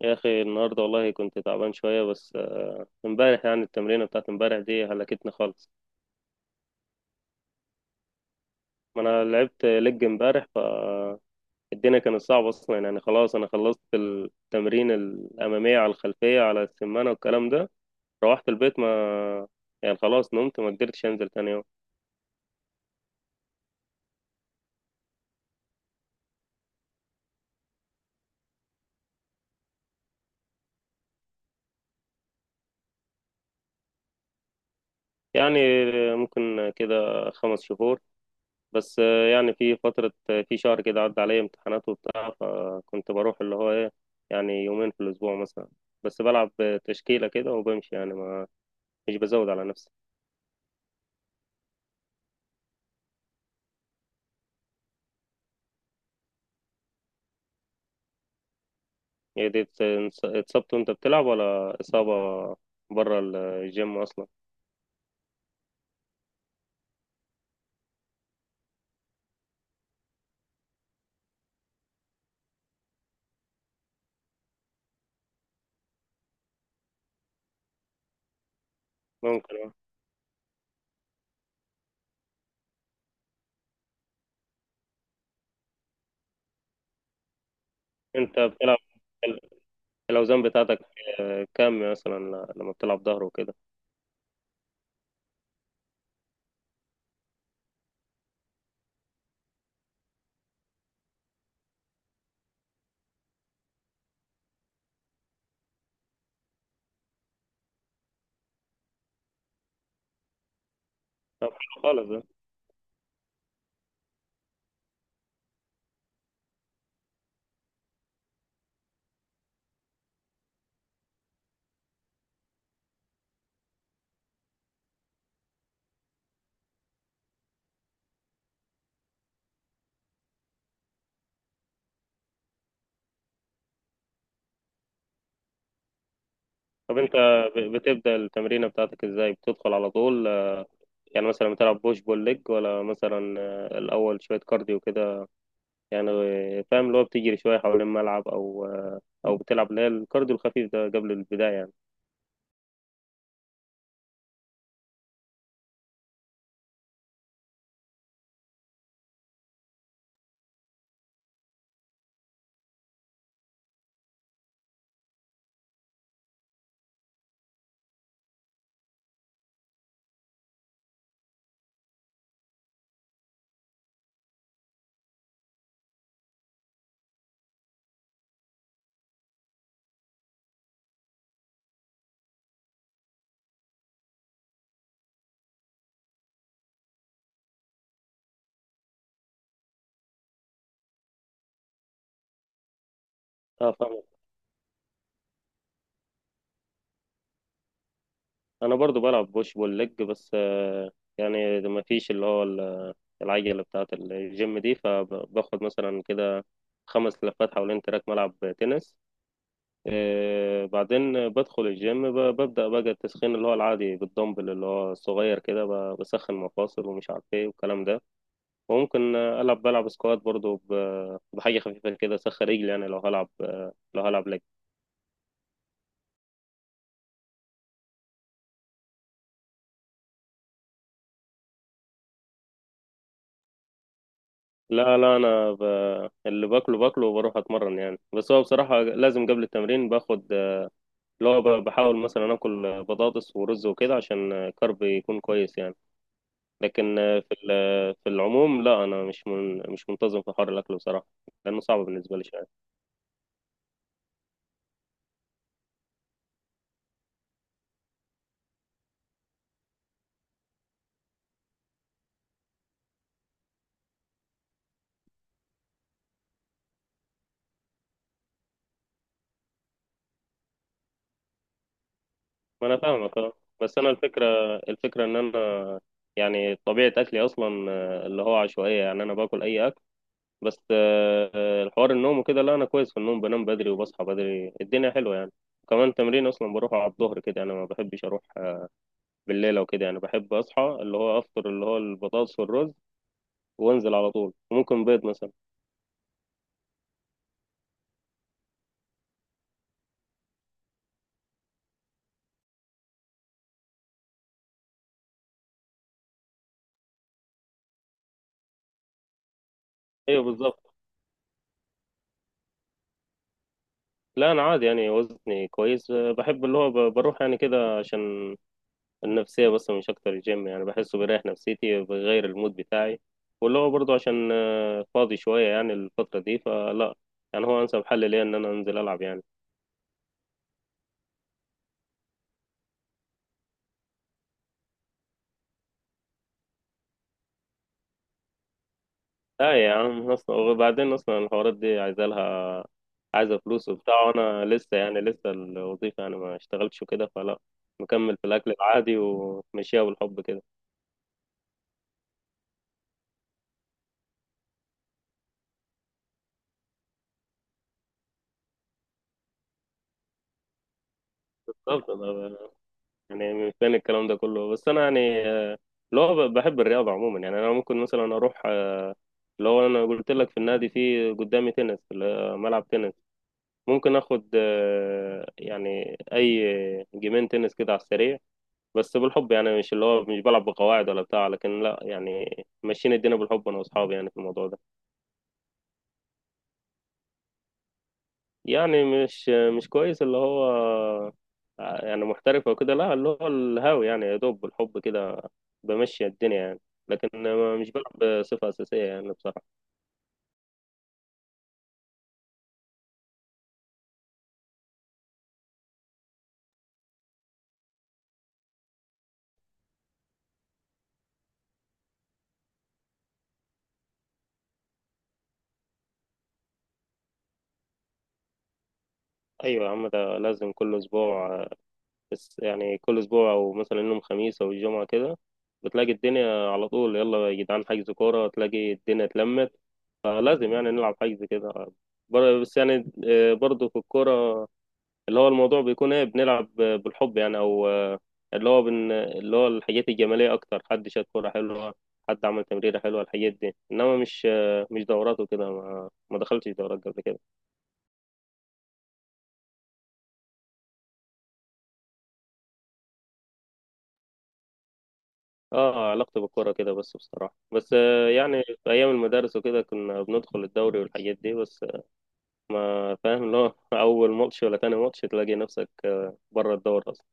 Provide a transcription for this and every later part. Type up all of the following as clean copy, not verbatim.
يا اخي النهارده والله كنت تعبان شويه بس امبارح. يعني التمرينه بتاعت امبارح دي هلكتني خالص. ما انا لعبت لج امبارح فالدنيا كانت صعبه اصلا يعني. خلاص انا خلصت التمرين الاماميه على الخلفيه على السمانه والكلام ده. روحت البيت ما يعني، خلاص نمت، ما قدرتش انزل تاني يوم. يعني ممكن كده 5 شهور، بس يعني في فترة، في شهر كده عدى عليا امتحانات وبتاع، فكنت بروح اللي هو ايه، يعني يومين في الأسبوع مثلا. بس بلعب تشكيلة كده وبمشي، يعني ما مش بزود على نفسي. هي دي اتصبت وانت بتلعب، ولا إصابة بره الجيم أصلا؟ ممكن اه. انت بتلعب ال- الأوزان بتاعتك كام مثلا لما بتلعب ظهر وكده؟ طب حلو خالص ده. طب انت بتبدأ التمرينة بتاعتك ازاي، بتدخل على طول؟ يعني مثلا بتلعب بوش بول ليج، ولا مثلا الأول شوية كارديو كده، يعني فاهم اللي هو بتجري شوية حوالين الملعب أو أو بتلعب اللي هي الكارديو الخفيف ده قبل البداية يعني. اه فاهم. أنا برضو بلعب بوش بول ليج، بس يعني ما فيش اللي هو العجلة بتاعة الجيم دي، فباخد مثلا كده 5 لفات حوالين تراك ملعب تنس. بعدين بدخل الجيم، ببدأ بقى التسخين اللي هو العادي بالدمبل اللي هو الصغير كده، بسخن مفاصل ومش عارف ايه والكلام ده. وممكن ألعب، بلعب سكوات برضو بحاجة خفيفة كده، أسخن رجلي، يعني لو هلعب لو هلعب لك. لا لا، أنا اللي باكله باكله وبروح أتمرن يعني. بس هو بصراحة لازم قبل التمرين باخد اللي هو بحاول مثلا آكل بطاطس ورز وكده، عشان كرب يكون كويس يعني. لكن آه، في ال- آه، في العموم لا، أنا مش منتظم في حوار الأكل بصراحة، لأنه صعب بالنسبة لي شوية. ما أنا فاهمك آه. بس أنا الفكرة، إن أنا يعني طبيعة أكلي أصلا اللي هو عشوائية، يعني أنا باكل أي أكل. بس الحوار النوم وكده لا، انا كويس في النوم، بنام بدري وبصحى بدري، الدنيا حلوه يعني. كمان تمرين اصلا بروح على الظهر كده، انا ما بحبش اروح بالليل او كده يعني، بحب اصحى اللي هو افطر اللي هو البطاطس والرز وانزل على طول، وممكن بيض مثلا. ايوه بالظبط. لا انا عادي يعني، وزني كويس. بحب اللي هو بروح يعني كده عشان النفسيه بس، مش اكتر. الجيم يعني بحسه بيريح نفسيتي، بيغير المود بتاعي، واللي هو برضه عشان فاضي شويه يعني الفتره دي، فلا، يعني هو انسب حل ليا ان انا انزل العب يعني. لا يا عم، اصلا وبعدين اصلا الحوارات دي عايزه لها، عايزه فلوس وبتاع، وانا لسه، يعني لسه الوظيفه يعني ما اشتغلتش وكده، فلا، مكمل في الاكل العادي ومشيها بالحب كده. بالظبط أنا يعني من فين الكلام ده كله. بس انا يعني اللي هو بحب الرياضه عموما، يعني انا ممكن مثلا اروح اللي هو انا قلت لك في النادي، في قدامي تنس اللي هو ملعب تنس، ممكن اخد يعني اي جيمين تنس كده على السريع، بس بالحب يعني، مش اللي هو مش بلعب بقواعد ولا بتاع، لكن لا يعني ماشيين الدنيا بالحب انا واصحابي يعني في الموضوع ده. يعني مش، كويس اللي هو يعني محترف او كده، لا، اللي هو الهاوي يعني، يا دوب بالحب كده بمشي الدنيا يعني. لكن مش بلعب بصفة أساسية يعني بصراحة. أيوة يا عم، ده لازم كل أسبوع، بس يعني كل اسبوع او مثلا يوم خميس او الجمعة كده بتلاقي الدنيا على طول، يلا يا جدعان حجز كورة، تلاقي الدنيا اتلمت، فلازم يعني نلعب حجز كده. بس يعني برضه في الكورة اللي هو الموضوع بيكون ايه، بنلعب بالحب يعني او اللي هو الحاجات الجمالية اكتر، حد شاط كورة حلوة، حد عمل تمريرة حلوة، الحاجات دي، انما مش مش دورات وكده، ما ما دخلتش دورات قبل كده. اه علاقتي بالكورة كده بس بصراحة. بس يعني في أيام المدارس وكده كنا بندخل الدوري والحاجات دي، بس ما فاهم اللي هو أول ماتش ولا تاني ماتش تلاقي نفسك بره الدوري أصلا.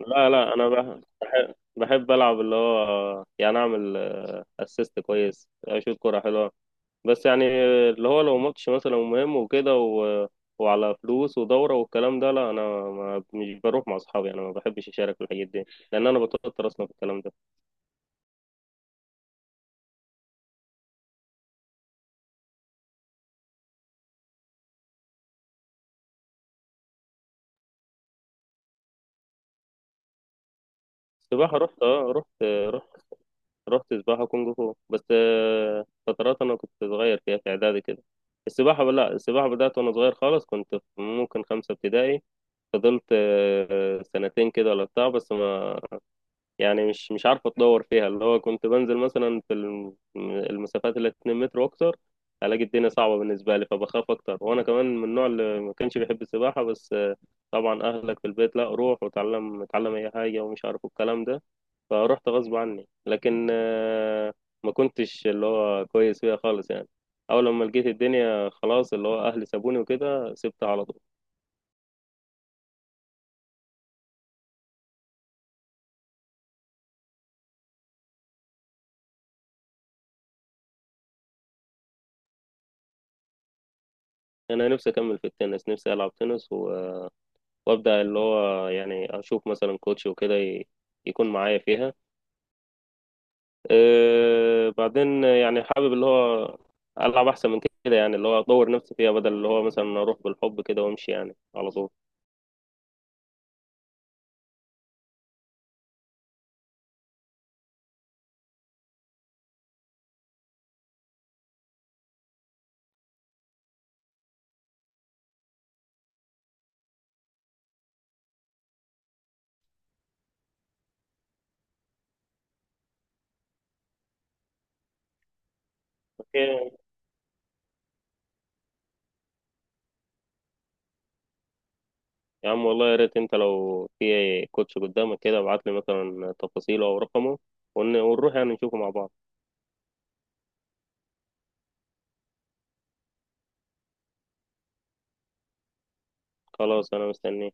لا لا، أنا بحب، ألعب اللي هو يعني أعمل أسيست كويس، أشوط كورة حلوة. بس يعني اللي هو لو ماتش مثلا مهم وكده وعلى فلوس ودورة والكلام ده، لا أنا ما مش بروح مع أصحابي، أنا ما بحبش أشارك في الحاجات دي، لأن أنا بتوتر أصلا في الكلام ده. سباحة رحت رحت، رحت سباحة كونغ فو، بس فترات أنا كنت صغير فيها في إعدادي كده. السباحة، لا، السباحة بدأت وأنا صغير خالص، كنت في ممكن خمسة ابتدائي، فضلت سنتين كده ولا بتاع، بس ما يعني مش عارف أتطور فيها، اللي هو كنت بنزل مثلا في المسافات اللي 2 متر وأكتر، ألاقي الدنيا صعبة بالنسبة لي فبخاف أكتر. وأنا كمان من النوع اللي ما كانش بيحب السباحة، بس طبعا أهلك في البيت لا، روح وتعلم، اتعلم أي حاجة ومش عارف الكلام ده، فروحت غصب عني، لكن ما كنتش اللي هو كويس فيها خالص يعني. اول لما لقيت الدنيا خلاص اللي هو اهلي سابوني وكده، سبتها على طول. انا نفسي اكمل في التنس، نفسي العب تنس وابدا اللي هو يعني اشوف مثلا كوتش وكده يكون معايا فيها. أه بعدين يعني حابب اللي هو العب احسن من كده يعني، اللي هو اطور نفسي فيها بدل اللي هو مثلا اروح بالحب كده وامشي يعني على طول. يا عم والله يا ريت انت لو في كوتش قدامك كده ابعت لي مثلا تفاصيله او رقمه، ونروح يعني نشوفه مع بعض. خلاص انا مستنيه.